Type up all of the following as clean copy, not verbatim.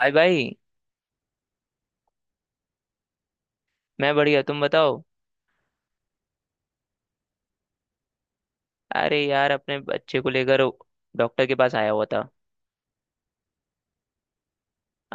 भाई भाई। मैं बढ़िया, तुम बताओ। अरे यार, अपने बच्चे को लेकर डॉक्टर के पास आया हुआ था।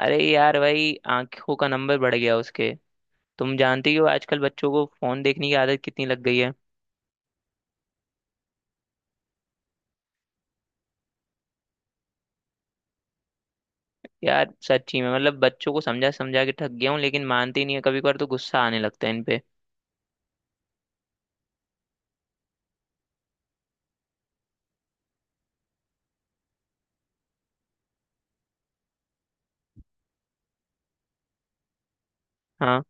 अरे यार भाई, आंखों का नंबर बढ़ गया उसके। तुम जानते ही हो, आजकल बच्चों को फोन देखने की आदत कितनी लग गई है। यार सच्ची में मतलब बच्चों को समझा समझा के थक गया हूँ, लेकिन मानते ही नहीं है। कभी कभार तो गुस्सा आने लगता है इन पे। हाँ।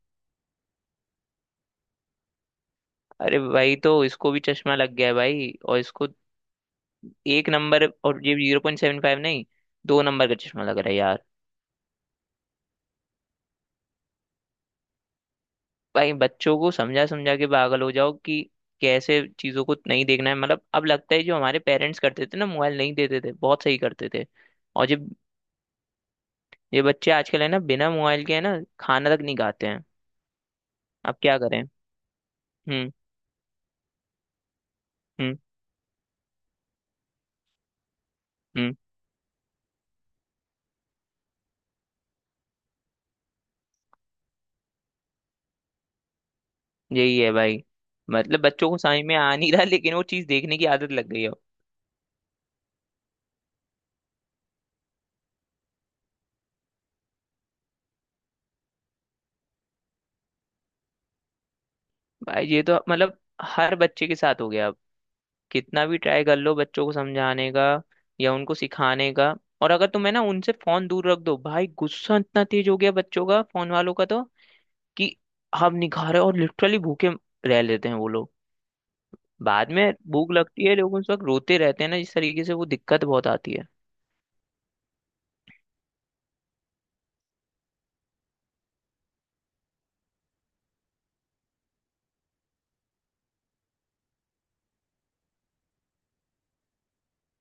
अरे भाई, तो इसको भी चश्मा लग गया है भाई, और इसको एक नंबर, और ये 0.75 नहीं, दो नंबर का चश्मा लग रहा है यार। भाई, बच्चों को समझा समझा के पागल हो जाओ कि कैसे चीजों को नहीं देखना है। मतलब अब लगता है जो हमारे पेरेंट्स करते थे ना, मोबाइल नहीं देते थे, बहुत सही करते थे। और जब ये बच्चे आजकल है ना, बिना मोबाइल के है ना, खाना तक नहीं खाते हैं। अब क्या करें। हम्म। हम्म। हम्म। यही है भाई। मतलब बच्चों को समझ में आ नहीं रहा, लेकिन वो चीज देखने की आदत लग गई है। भाई ये तो मतलब हर बच्चे के साथ हो गया। कितना भी ट्राई कर लो बच्चों को समझाने का या उनको सिखाने का। और अगर तुम्हें ना उनसे फोन दूर रख दो भाई, गुस्सा इतना तेज हो गया बच्चों का, फोन वालों का तो। कि हम नहीं खा रहे, और लिटरली भूखे रह लेते हैं वो लोग। बाद में भूख लगती है, लेकिन उस वक्त रोते रहते हैं ना, इस तरीके से वो दिक्कत बहुत आती है।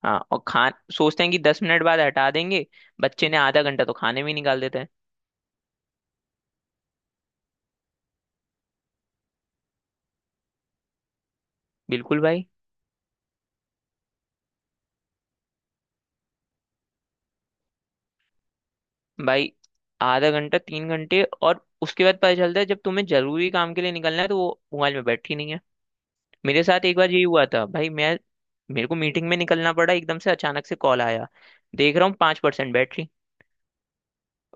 हाँ और खा सोचते हैं कि 10 मिनट बाद हटा देंगे। बच्चे ने आधा घंटा तो खाने में ही निकाल देते हैं। बिल्कुल भाई। भाई, आधा घंटा, तीन घंटे, और उसके बाद पता चलता है जब तुम्हें जरूरी काम के लिए निकलना है, तो वो मोबाइल में बैठी नहीं है। मेरे साथ एक बार यही हुआ था भाई मैं मेरे को मीटिंग में निकलना पड़ा एकदम से, अचानक से कॉल आया। देख रहा हूँ 5% बैटरी।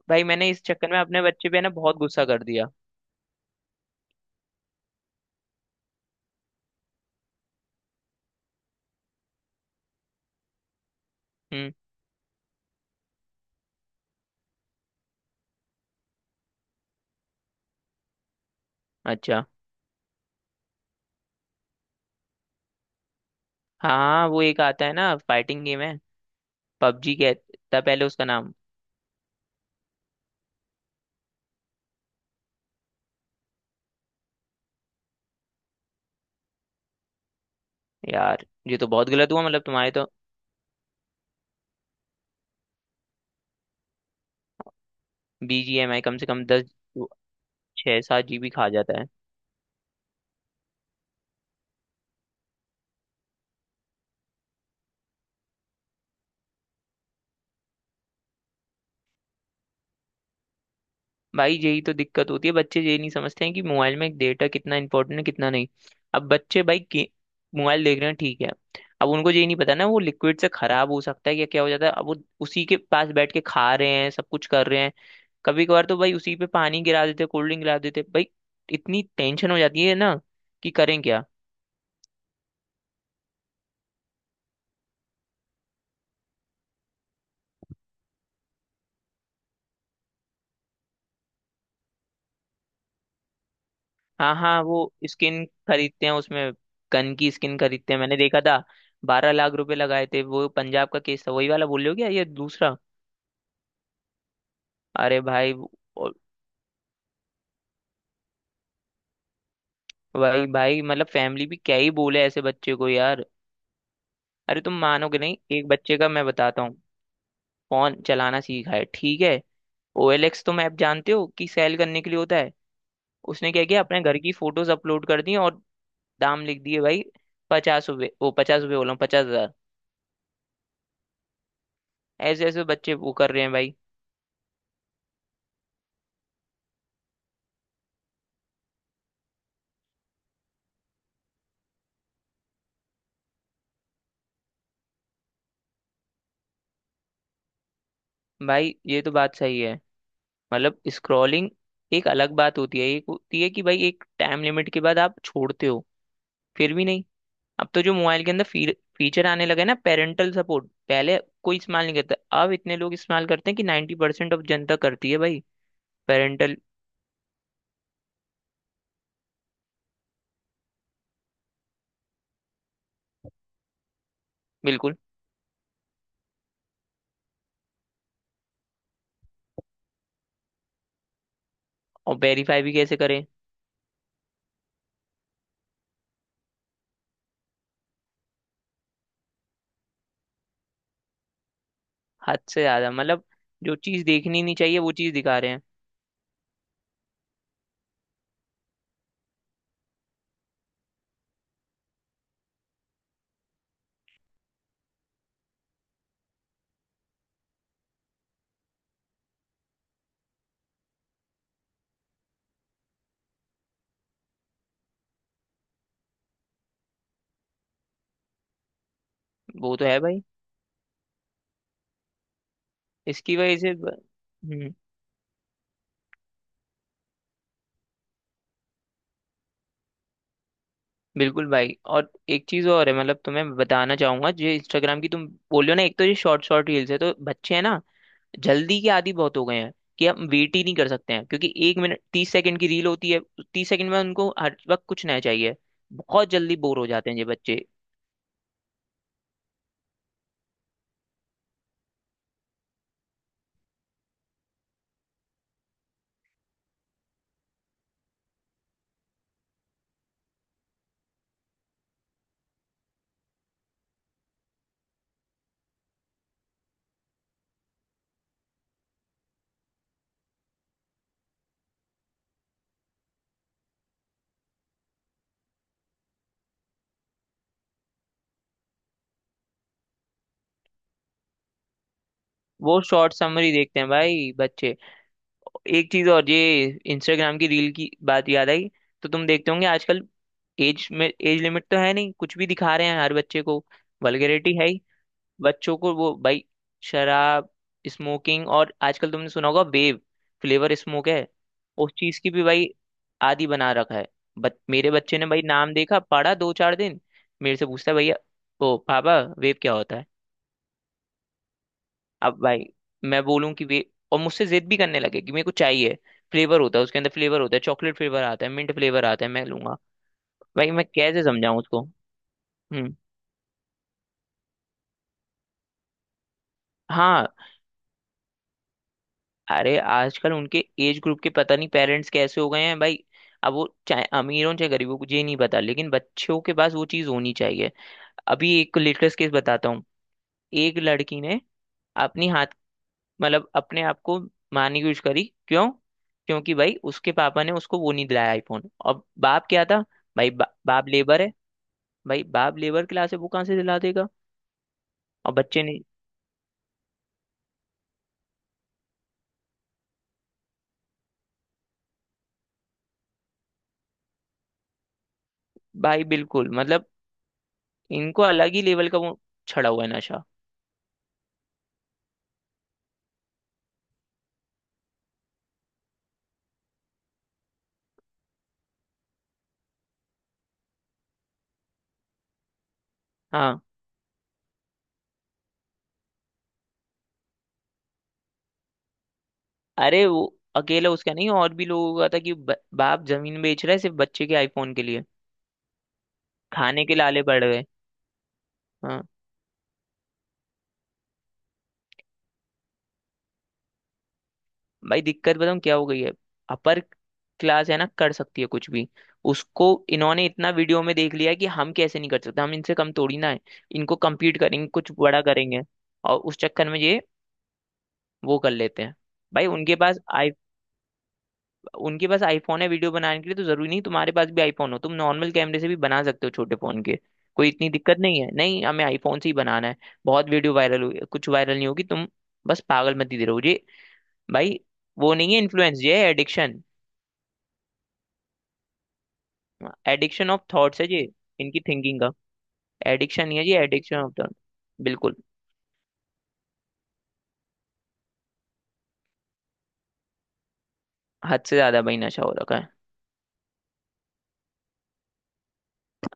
भाई मैंने इस चक्कर में अपने बच्चे पे ना बहुत गुस्सा कर दिया। हम्म। अच्छा, हाँ वो एक आता है ना, फाइटिंग गेम है। पबजी कहता पहले उसका नाम। यार ये तो बहुत गलत हुआ, मतलब तुम्हारे तो। BGMI कम से कम दस छः सात जीबी खा जाता है। भाई यही तो दिक्कत होती है, बच्चे ये नहीं समझते हैं कि मोबाइल में डेटा कितना इंपॉर्टेंट है कितना नहीं। अब बच्चे भाई के मोबाइल देख रहे हैं, ठीक है। अब उनको ये नहीं पता ना, वो लिक्विड से खराब हो सकता है या क्या हो जाता है। अब वो उसी के पास बैठ के खा रहे हैं, सब कुछ कर रहे हैं। कभी कभार तो भाई उसी पे पानी गिरा देते, कोल्ड ड्रिंक गिरा देते भाई। इतनी टेंशन हो जाती है ना, कि करें क्या। हाँ हाँ, वो स्किन खरीदते हैं उसमें। गन की स्किन खरीदते हैं, मैंने देखा था। 12 लाख रुपए लगाए थे, वो पंजाब का केस था वही वाला बोल रहे हो क्या, ये दूसरा। अरे भाई। भाई भाई, मतलब फैमिली भी क्या ही बोले ऐसे बच्चे को यार। अरे तुम मानोगे नहीं, एक बच्चे का मैं बताता हूँ। फोन चलाना सीखा है, ठीक है। OLX, तुम ऐप जानते हो कि सेल करने के लिए होता है। उसने क्या किया, अपने घर की फोटोज अपलोड कर दी, और दाम लिख दिए भाई। 50 रुपये, वो 50 रुपये बोला हूँ, 50 हज़ार। ऐसे ऐसे बच्चे वो कर रहे हैं भाई। भाई ये तो बात सही है। मतलब स्क्रॉलिंग एक अलग बात होती है। एक होती है कि भाई एक टाइम लिमिट के बाद आप छोड़ते हो, फिर भी नहीं। अब तो जो मोबाइल के अंदर फीचर आने लगे ना, पेरेंटल सपोर्ट, पहले कोई इस्तेमाल नहीं करता, अब इतने लोग इस्तेमाल करते हैं कि 90% ऑफ जनता करती है भाई। पेरेंटल। बिल्कुल। और वेरीफाई भी कैसे करें। हद से ज्यादा मतलब जो चीज देखनी नहीं चाहिए, वो चीज दिखा रहे हैं। वो तो है भाई। इसकी वजह से ब- हम्म। बिल्कुल भाई, और एक चीज और है मतलब तुम्हें बताना चाहूंगा, जो इंस्टाग्राम की तुम बोल रहे हो ना, एक तो ये शॉर्ट शॉर्ट रील्स है, तो बच्चे हैं ना जल्दी के आदी बहुत हो गए हैं, कि हम वेट ही नहीं कर सकते हैं। क्योंकि 1 मिनट 30 सेकंड की रील होती है, 30 सेकंड में उनको हर वक्त कुछ नया चाहिए। बहुत जल्दी बोर हो जाते हैं ये बच्चे। वो शॉर्ट समरी देखते हैं भाई बच्चे। एक चीज और, ये इंस्टाग्राम की रील की बात याद आई। तो तुम देखते होंगे आजकल, एज में एज लिमिट तो है नहीं, कुछ भी दिखा रहे हैं हर बच्चे को। वल्गैरिटी है ही। बच्चों को वो भाई शराब, स्मोकिंग, और आजकल तुमने सुना होगा वेव, फ्लेवर स्मोक है। उस चीज की भी भाई आदि बना रखा है। बट मेरे बच्चे ने भाई नाम देखा, पढ़ा दो चार दिन, मेरे से पूछता है भैया, ओ पापा वेव क्या होता है। अब भाई, मैं बोलूं कि वे, और मुझसे जिद भी करने लगे कि मेरे को चाहिए, फ्लेवर होता है उसके अंदर, फ्लेवर होता है, चॉकलेट फ्लेवर आता है, मिंट फ्लेवर आता है, मैं लूंगा। भाई मैं कैसे समझाऊं उसको। हम्म। हाँ। अरे आजकल उनके एज ग्रुप के पता नहीं पेरेंट्स कैसे हो गए हैं भाई। अब वो चाहे अमीर हो चाहे गरीब हो, मुझे नहीं पता, लेकिन बच्चों के पास वो चीज होनी चाहिए। अभी एक लेटेस्ट केस बताता हूँ। एक लड़की ने अपनी हाथ, मतलब अपने आप को मारने की कोशिश करी। क्यों, क्योंकि भाई उसके पापा ने उसको वो नहीं दिलाया, आईफोन। और बाप क्या था भाई, बाप लेबर है। भाई बाप लेबर क्लास है, वो कहाँ से दिला देगा। और बच्चे ने, भाई बिल्कुल मतलब, इनको अलग ही लेवल का वो छड़ा हुआ है नशा। हाँ। अरे वो अकेला उसका नहीं, और भी लोगों का था कि बाप जमीन बेच रहा है सिर्फ बच्चे के आईफोन के लिए। खाने के लाले पड़ गए। हाँ। भाई दिक्कत बताऊँ क्या हो गई है, अपर क्लास है ना, कर सकती है कुछ भी। उसको इन्होंने इतना वीडियो में देख लिया है कि हम कैसे नहीं कर सकते, हम इनसे कम थोड़ी ना है, इनको कम्पीट करेंगे, कुछ बड़ा करेंगे। और उस चक्कर में ये वो कर लेते हैं। भाई उनके पास, आईफोन है वीडियो बनाने के लिए, तो जरूरी नहीं तुम्हारे पास भी आईफोन हो, तुम नॉर्मल कैमरे से भी बना सकते हो, छोटे फोन के। कोई इतनी दिक्कत नहीं है, नहीं हमें आईफोन से ही बनाना है। बहुत वीडियो वायरल हुई, कुछ वायरल नहीं होगी तुम, बस पागल मत ही रहो ये। भाई वो नहीं है इन्फ्लुएंस, ये है एडिक्शन। एडिक्शन ऑफ थॉट्स है ये, इनकी थिंकिंग का। एडिक्शन नहीं है ये, एडिक्शन ऑफ थॉट। बिल्कुल। हद से ज्यादा भाई नशा हो रखा है।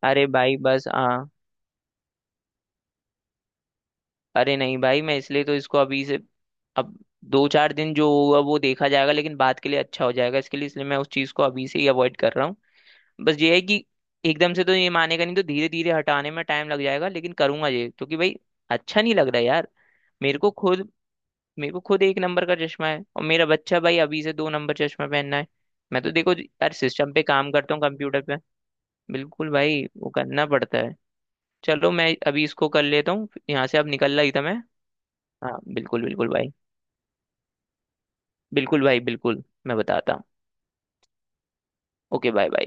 अरे भाई बस, हाँ। अरे नहीं भाई मैं इसलिए तो इसको अभी से। अब दो चार दिन जो होगा वो देखा जाएगा, लेकिन बात के लिए अच्छा हो जाएगा इसके लिए, इसलिए मैं उस चीज़ को अभी से ही अवॉइड कर रहा हूँ। बस ये है कि एकदम से तो ये मानेगा नहीं, तो धीरे धीरे हटाने में टाइम लग जाएगा, लेकिन करूंगा ये क्योंकि भाई अच्छा नहीं लग रहा यार। मेरे को खुद मेरे को खुद एक नंबर का चश्मा है, और मेरा बच्चा भाई अभी से दो नंबर चश्मा पहनना है। मैं तो देखो यार सिस्टम पे काम करता हूँ, कंप्यूटर पे। बिल्कुल भाई, वो करना पड़ता है। चलो मैं अभी इसको कर लेता हूँ, यहाँ से अब निकल रही था मैं। हाँ बिल्कुल बिल्कुल भाई। बिल्कुल भाई बिल्कुल, मैं बताता हूँ। Okay, bye bye.